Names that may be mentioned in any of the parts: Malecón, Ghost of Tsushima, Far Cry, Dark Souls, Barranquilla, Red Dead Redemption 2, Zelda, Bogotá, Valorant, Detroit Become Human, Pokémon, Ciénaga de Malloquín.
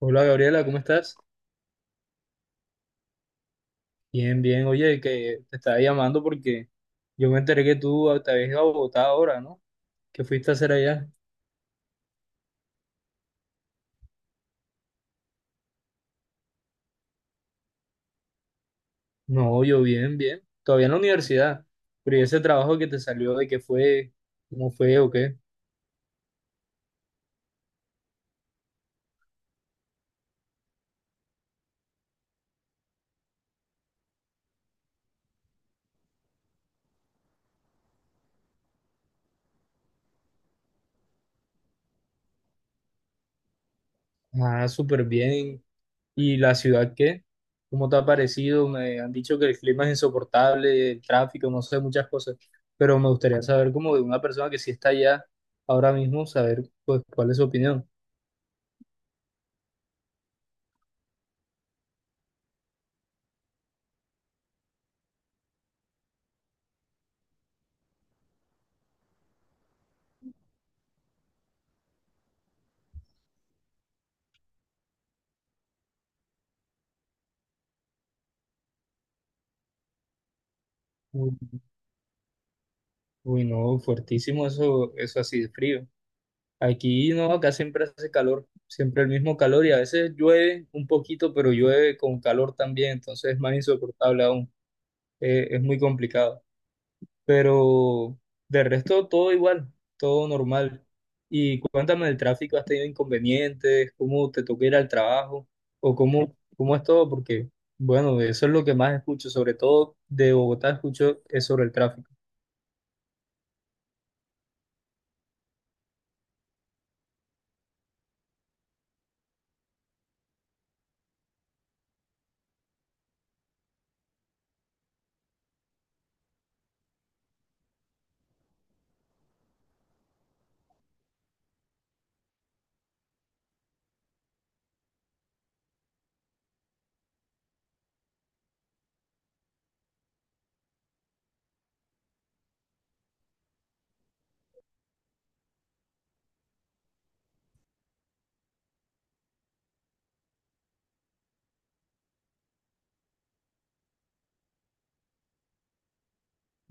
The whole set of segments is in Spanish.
Hola Gabriela, ¿cómo estás? Bien, bien. Oye, que te estaba llamando porque yo me enteré que tú te habías ido a Bogotá ahora, ¿no? ¿Qué fuiste a hacer allá? No, yo bien, bien. Todavía en la universidad. Pero ¿y ese trabajo que te salió, de qué fue? ¿Cómo fue o qué? Ah, súper bien. ¿Y la ciudad qué? ¿Cómo te ha parecido? Me han dicho que el clima es insoportable, el tráfico, no sé, muchas cosas. Pero me gustaría saber como de una persona que sí está allá ahora mismo, saber pues cuál es su opinión. Uy, no, fuertísimo eso, eso así de frío. Aquí no, acá siempre hace calor, siempre el mismo calor y a veces llueve un poquito, pero llueve con calor también, entonces es más insoportable aún. Es muy complicado. Pero de resto todo igual, todo normal. Y cuéntame del tráfico, ¿has tenido inconvenientes? ¿Cómo te toca ir al trabajo? ¿O cómo, cómo es todo? Porque, bueno, eso es lo que más escucho, sobre todo de Bogotá escucho es sobre el tráfico.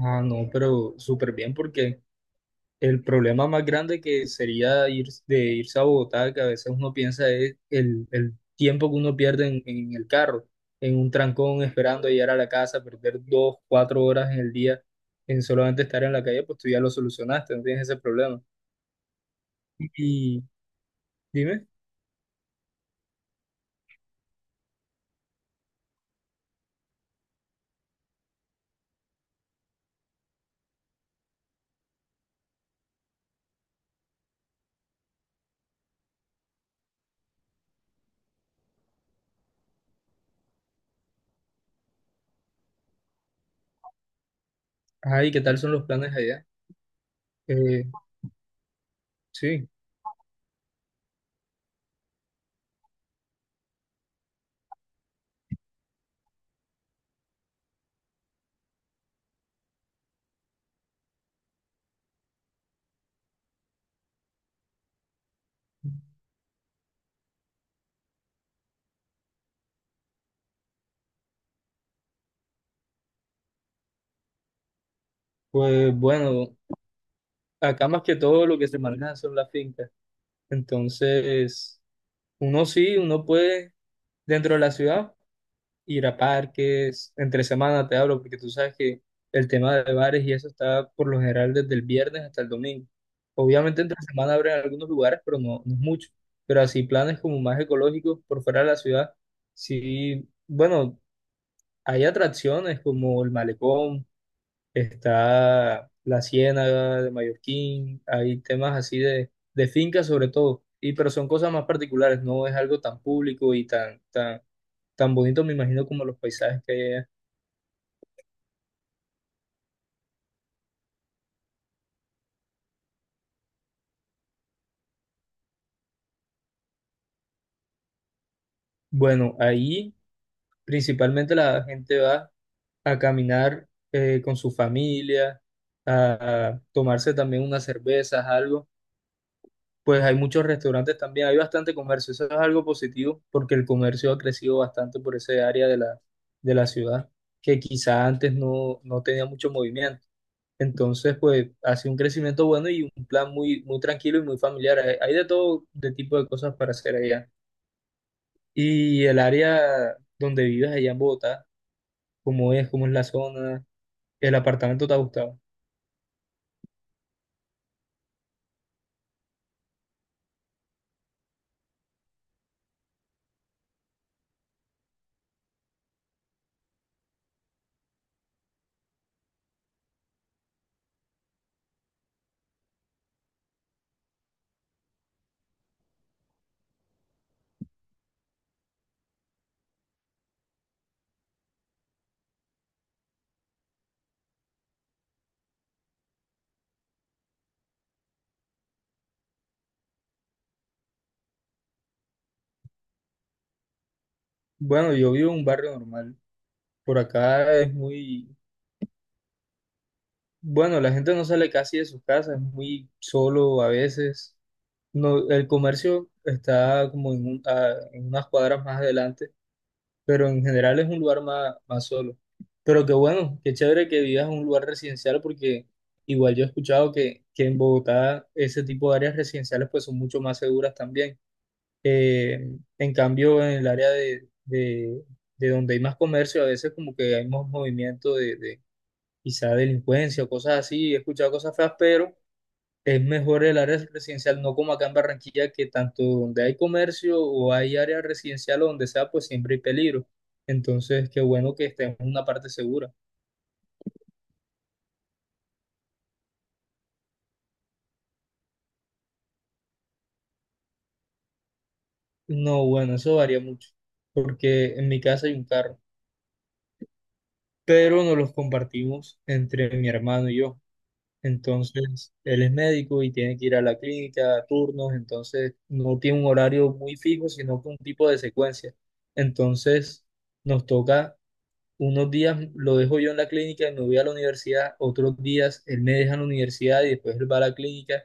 Ah, no, pero súper bien porque... el problema más grande que sería ir, de irse a Bogotá, que a veces uno piensa es el tiempo que uno pierde en el carro, en un trancón esperando llegar a la casa, perder dos, cuatro horas en el día en solamente estar en la calle, pues tú ya lo solucionaste, no tienes ese problema. Y dime, ay, ¿qué tal son los planes allá? Eh, sí, pues bueno, acá más que todo lo que se maneja son las fincas. Entonces, uno sí, uno puede dentro de la ciudad ir a parques, entre semana te hablo, porque tú sabes que el tema de bares y eso está por lo general desde el viernes hasta el domingo. Obviamente entre semana abren algunos lugares, pero no, no es mucho. Pero así planes como más ecológicos por fuera de la ciudad, sí, bueno, hay atracciones como el Malecón, está la Ciénaga de Mallorquín, hay temas así de fincas sobre todo. Y, pero son cosas más particulares, no es algo tan público y tan, tan, tan bonito, me imagino, como los paisajes que hay. Bueno, ahí principalmente la gente va a caminar con su familia, a tomarse también unas cervezas, algo. Pues hay muchos restaurantes también, hay bastante comercio. Eso es algo positivo porque el comercio ha crecido bastante por ese área de la ciudad que quizá antes no, no tenía mucho movimiento. Entonces, pues ha sido un crecimiento bueno y un plan muy, muy tranquilo y muy familiar. Hay de todo de tipo de cosas para hacer allá. Y el área donde vives allá en Bogotá, cómo es la zona. ¿El apartamento te ha gustado? Bueno, yo vivo en un barrio normal. Por acá es muy... bueno, la gente no sale casi de sus casas, es muy solo a veces. No, el comercio está como en, en unas cuadras más adelante, pero en general es un lugar más, más solo. Pero qué bueno, qué chévere que vivas en un lugar residencial porque igual yo he escuchado que en Bogotá ese tipo de áreas residenciales pues son mucho más seguras también. En cambio, en el área de donde hay más comercio, a veces como que hay más movimiento de quizá delincuencia o cosas así. He escuchado cosas feas, pero es mejor el área residencial, no como acá en Barranquilla, que tanto donde hay comercio o hay área residencial o donde sea, pues siempre hay peligro. Entonces, qué bueno que estemos en una parte segura. No, bueno, eso varía mucho, porque en mi casa hay un carro, pero nos los compartimos entre mi hermano y yo. Entonces, él es médico y tiene que ir a la clínica, a turnos, entonces no tiene un horario muy fijo, sino que un tipo de secuencia. Entonces, nos toca, unos días lo dejo yo en la clínica y me voy a la universidad, otros días él me deja en la universidad y después él va a la clínica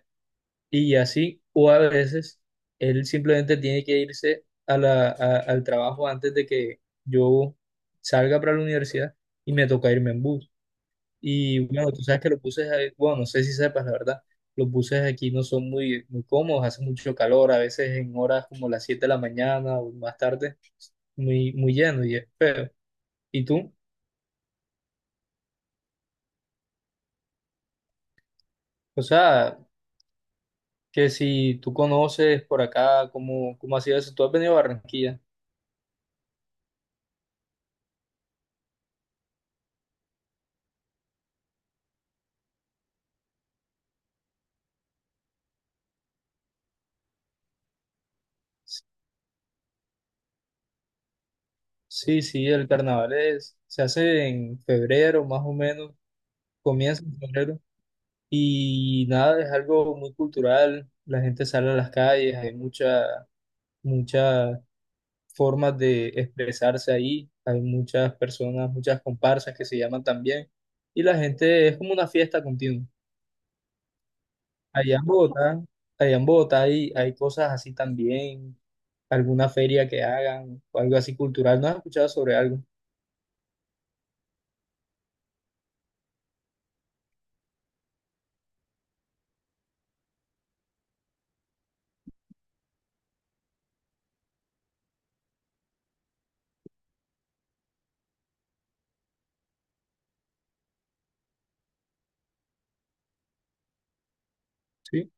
y así, o a veces él simplemente tiene que irse a la, al trabajo antes de que yo salga para la universidad y me toca irme en bus. Y bueno, tú sabes que los buses, bueno, no sé si sepas, la verdad, los buses aquí no son muy, muy cómodos, hace mucho calor, a veces en horas como las 7 de la mañana o más tarde, muy, muy lleno y es feo. ¿Y tú? O sea, que si tú conoces por acá, ¿cómo, cómo ha sido eso? ¿Tú has venido a Barranquilla? Sí, sí, el carnaval es, se hace en febrero más o menos, comienza en febrero y nada, es algo muy cultural, la gente sale a las calles, hay mucha, mucha formas de expresarse ahí. Hay muchas personas, muchas comparsas que se llaman también. Y la gente es como una fiesta continua. Allá en Bogotá, allá en Bogotá hay, hay cosas así también, alguna feria que hagan o algo así cultural. ¿No has escuchado sobre algo? Sí.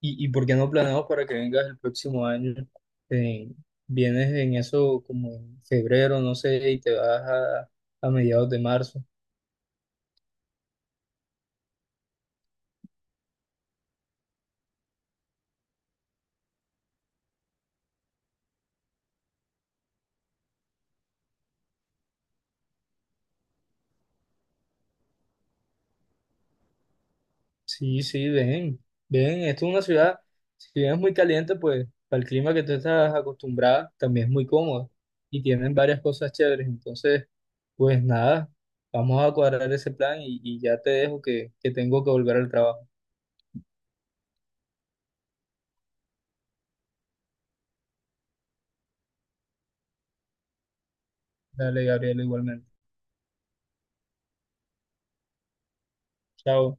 Y por qué no planeamos para que vengas el próximo año? Eh, Vienes en eso como en febrero, no sé, y te vas a mediados de marzo. Sí, sí, ven, ven, esto es una ciudad, si bien es muy caliente, pues para el clima que tú estás acostumbrada, también es muy cómodo y tienen varias cosas chéveres. Entonces, pues nada, vamos a cuadrar ese plan y ya te dejo que tengo que volver al trabajo. Dale, Gabriela, igualmente. Chao.